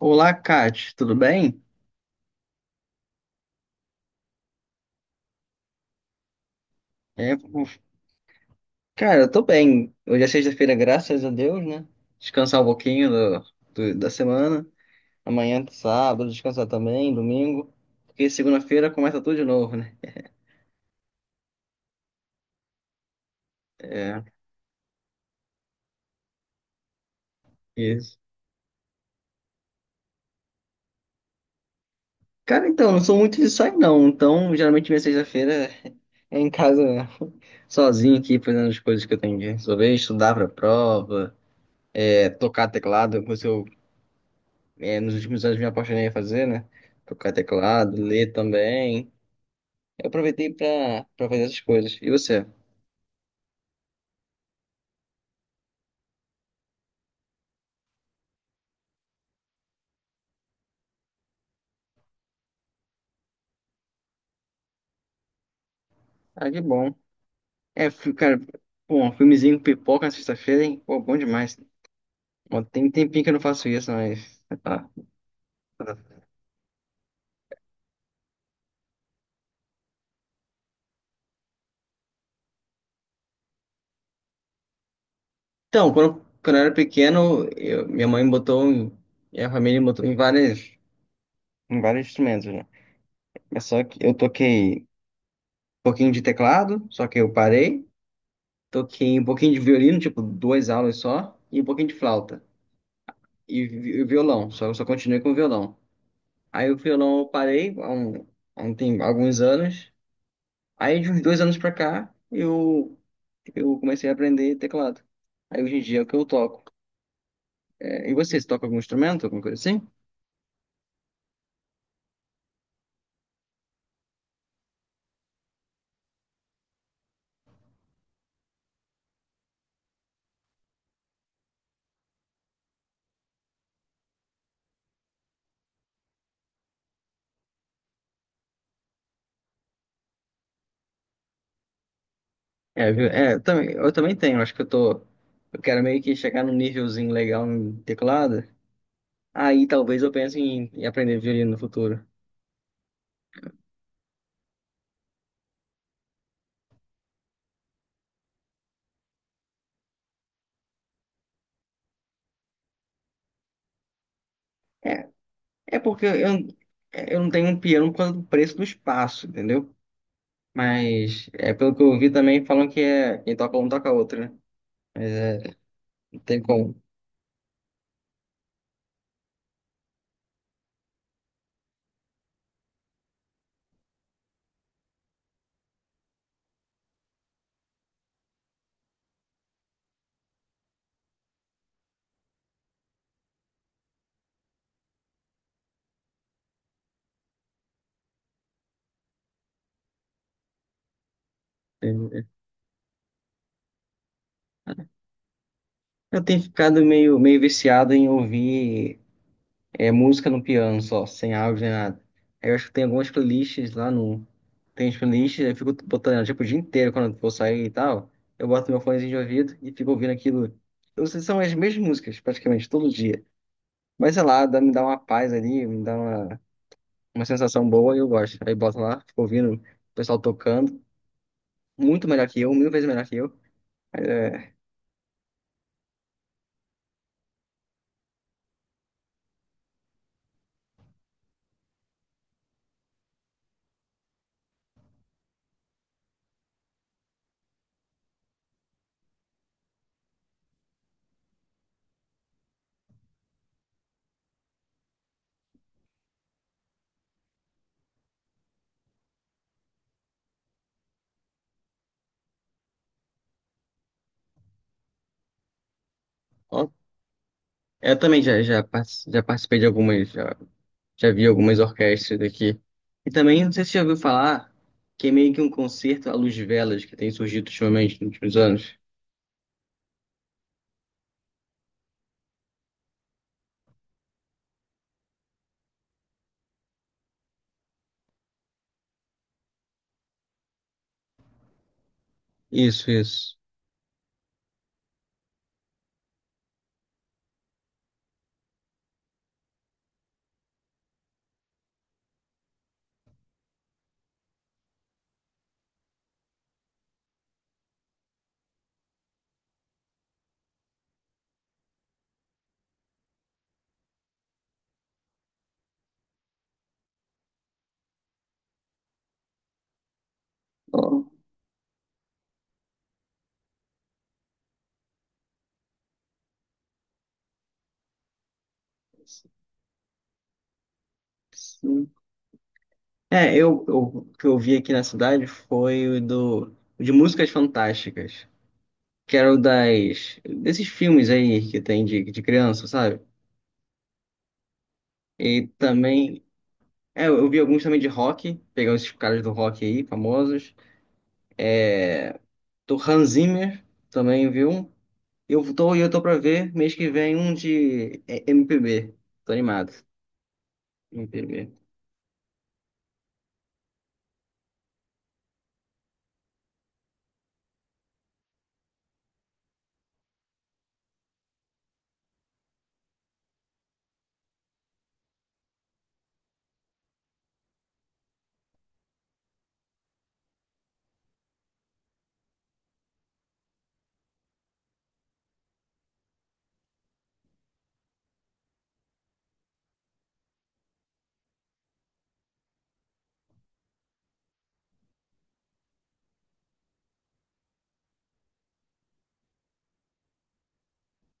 Olá, Kate, tudo bem? É, uf, Cara, eu tô bem. Hoje é sexta-feira, graças a Deus, né? Descansar um pouquinho da semana. Amanhã, sábado, descansar também, domingo. Porque segunda-feira começa tudo de novo, né? É, isso. Cara, então, não sou muito de sair, não. Então, geralmente, minha sexta-feira é em casa mesmo. Sozinho aqui, fazendo as coisas que eu tenho que resolver, estudar pra prova, tocar teclado. É, nos últimos anos me apaixonei a fazer, né? Tocar teclado, ler também. Eu aproveitei pra fazer essas coisas. E você? Ah, que bom. Cara, pô, um filmezinho com pipoca na sexta-feira, hein? Pô, bom demais. Bom, tem um tempinho que eu não faço isso, mas tá. Então, quando eu era pequeno, minha mãe botou em- Minha família me botou em vários instrumentos, né? Mas só que eu toquei um pouquinho de teclado, só que eu parei. Toquei um pouquinho de violino, tipo, duas aulas só, e um pouquinho de flauta. Violão, só continuei com violão. Aí o violão eu parei alguns anos. Aí de uns dois anos pra cá eu comecei a aprender teclado. Aí hoje em dia é o que eu toco. É, e você toca algum instrumento, alguma coisa assim? Eu também tenho. Acho que eu quero meio que chegar num nívelzinho legal em teclado, aí talvez eu pense em aprender violino no futuro. É, é porque eu, eu não tenho um piano por causa do preço do espaço, entendeu? Mas é pelo que eu ouvi também, falam que é quem toca um toca outro, né? Não tem como. É, eu tenho ficado meio viciado em ouvir música no piano só, sem áudio nem nada. Aí eu acho que tem algumas playlists lá no. Tem as playlists, eu fico botando tipo, o dia inteiro quando eu for sair e tal. Eu boto meu fonezinho de ouvido e fico ouvindo aquilo. Eu não sei se são as mesmas músicas, praticamente, todo dia. Mas sei lá, me dá uma paz ali, uma sensação boa e eu gosto. Aí boto lá, fico ouvindo o pessoal tocando. Muito melhor que eu, mil vezes melhor que eu. Ó, eu também já participei de já vi algumas orquestras daqui. E também, não sei se você já ouviu falar, que é meio que um concerto à luz de velas que tem surgido ultimamente nos últimos anos. Isso, isso. Ó, sim. Eu, o que eu vi aqui na cidade foi o de músicas fantásticas, que era desses filmes aí que tem de criança, sabe? E também eu vi alguns também de rock, pegar esses caras do rock aí, famosos. É, do Hans Zimmer, também vi um. Eu tô pra ver mês que vem um de MPB. Tô animado. M P B.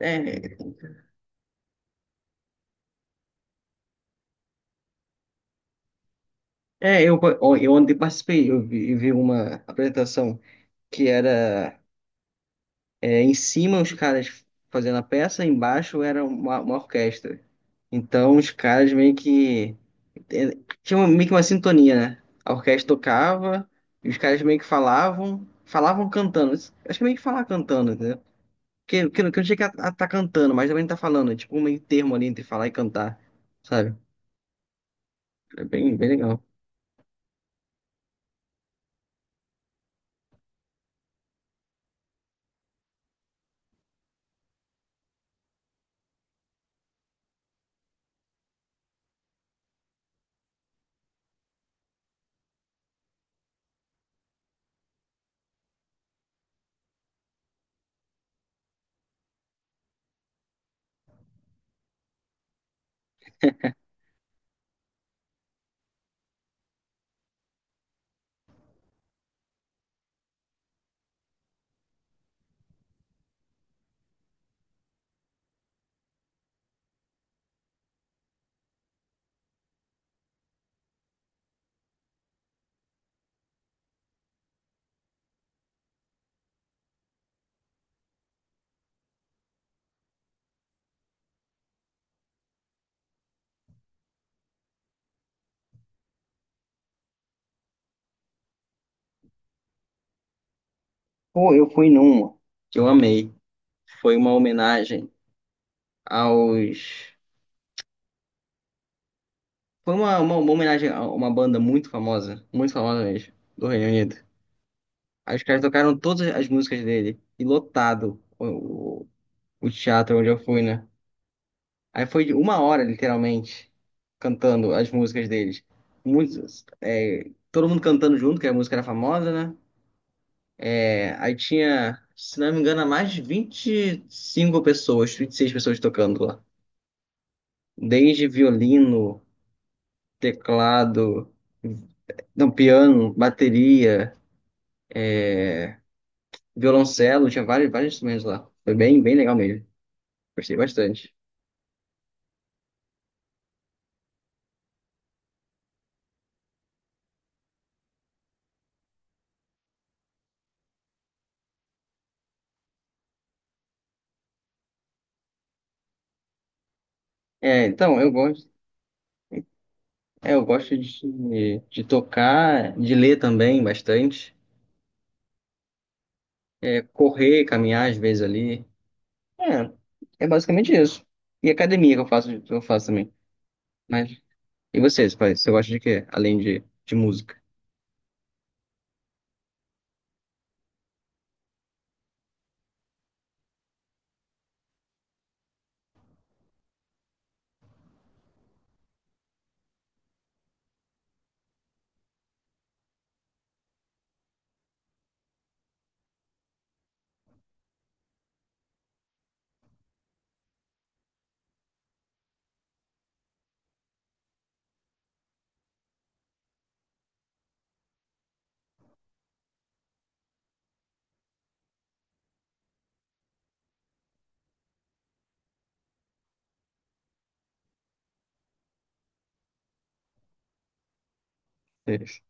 É, ó, eu ontem participei, eu vi uma apresentação que era em cima os caras fazendo a peça, embaixo era uma orquestra. Então os caras meio que tinha uma- meio que uma sintonia, né? A orquestra tocava, e os caras meio que falavam cantando. Acho que é meio que falar cantando, entendeu? Não- que não chega a tá cantando, mas também não tá falando. É tipo um meio termo ali entre falar e cantar, sabe? É bem legal. Pô, eu fui numa que eu amei. Foi uma homenagem aos. Foi uma homenagem a uma banda muito famosa mesmo, do Reino Unido. Aí os caras tocaram todas as músicas dele, e lotado o teatro onde eu fui, né? Aí foi uma hora, literalmente, cantando as músicas deles. Muitos, é, todo mundo cantando junto, que a música era famosa, né? É, aí tinha, se não me engano, mais de 25 pessoas, 26 pessoas tocando lá. Desde violino, teclado, não, piano, bateria, violoncelo, tinha vários instrumentos lá. Foi bem legal mesmo. Gostei bastante. É, então, eu gosto, eu gosto de tocar, de ler também bastante. É, correr, caminhar às vezes ali. É basicamente isso. E academia que eu faço também. Mas, e vocês, pai? Você gosta de quê? Além de música? Vocês-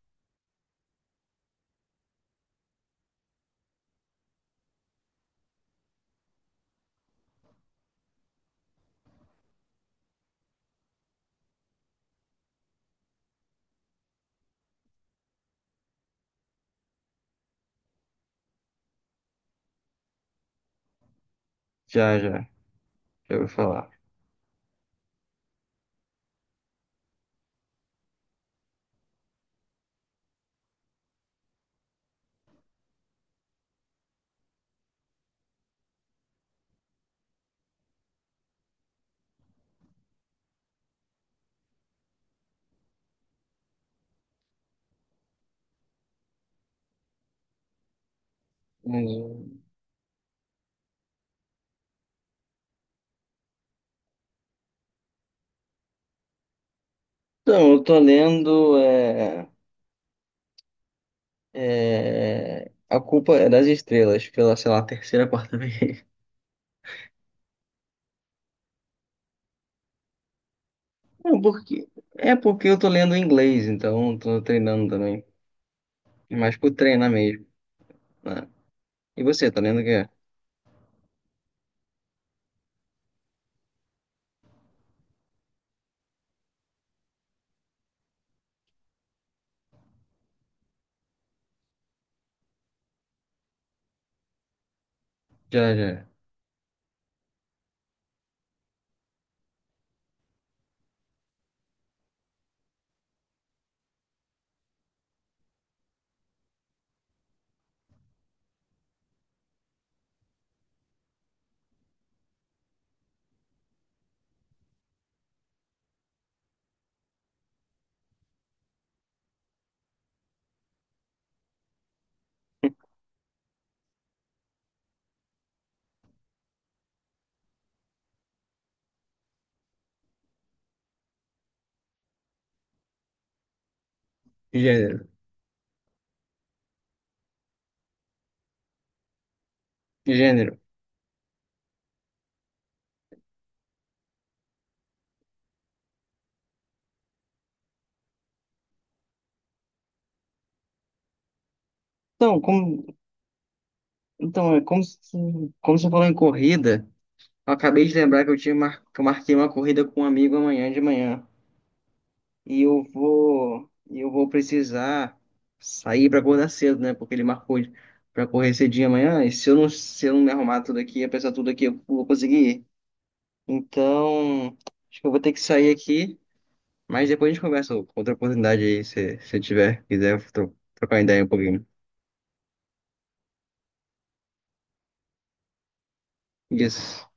Já, já, já ouvi falar. Hum. Então, eu tô lendo A Culpa é das Estrelas, pela, sei lá, terceira, quarta vez. Não, porque, é porque eu tô lendo em inglês, então eu tô treinando também. Mas por treinar mesmo, né? E você, tá lendo o quê? Já, já. Gênero. Gênero. Então, como, então, é como, se- como você falou em corrida, eu acabei de lembrar que eu marquei uma corrida com um amigo amanhã de manhã. E eu vou precisar sair para acordar cedo, né? Porque ele marcou para correr cedinho amanhã. E se eu não me arrumar tudo aqui, apesar de tudo aqui, eu vou conseguir ir. Então, acho que eu vou ter que sair aqui. Mas depois a gente conversa com outra oportunidade aí, se eu tiver, quiser trocar ideia um pouquinho. Isso.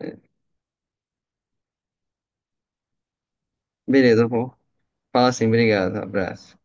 É, beleza, eu vou. Fala assim, obrigado, abraço.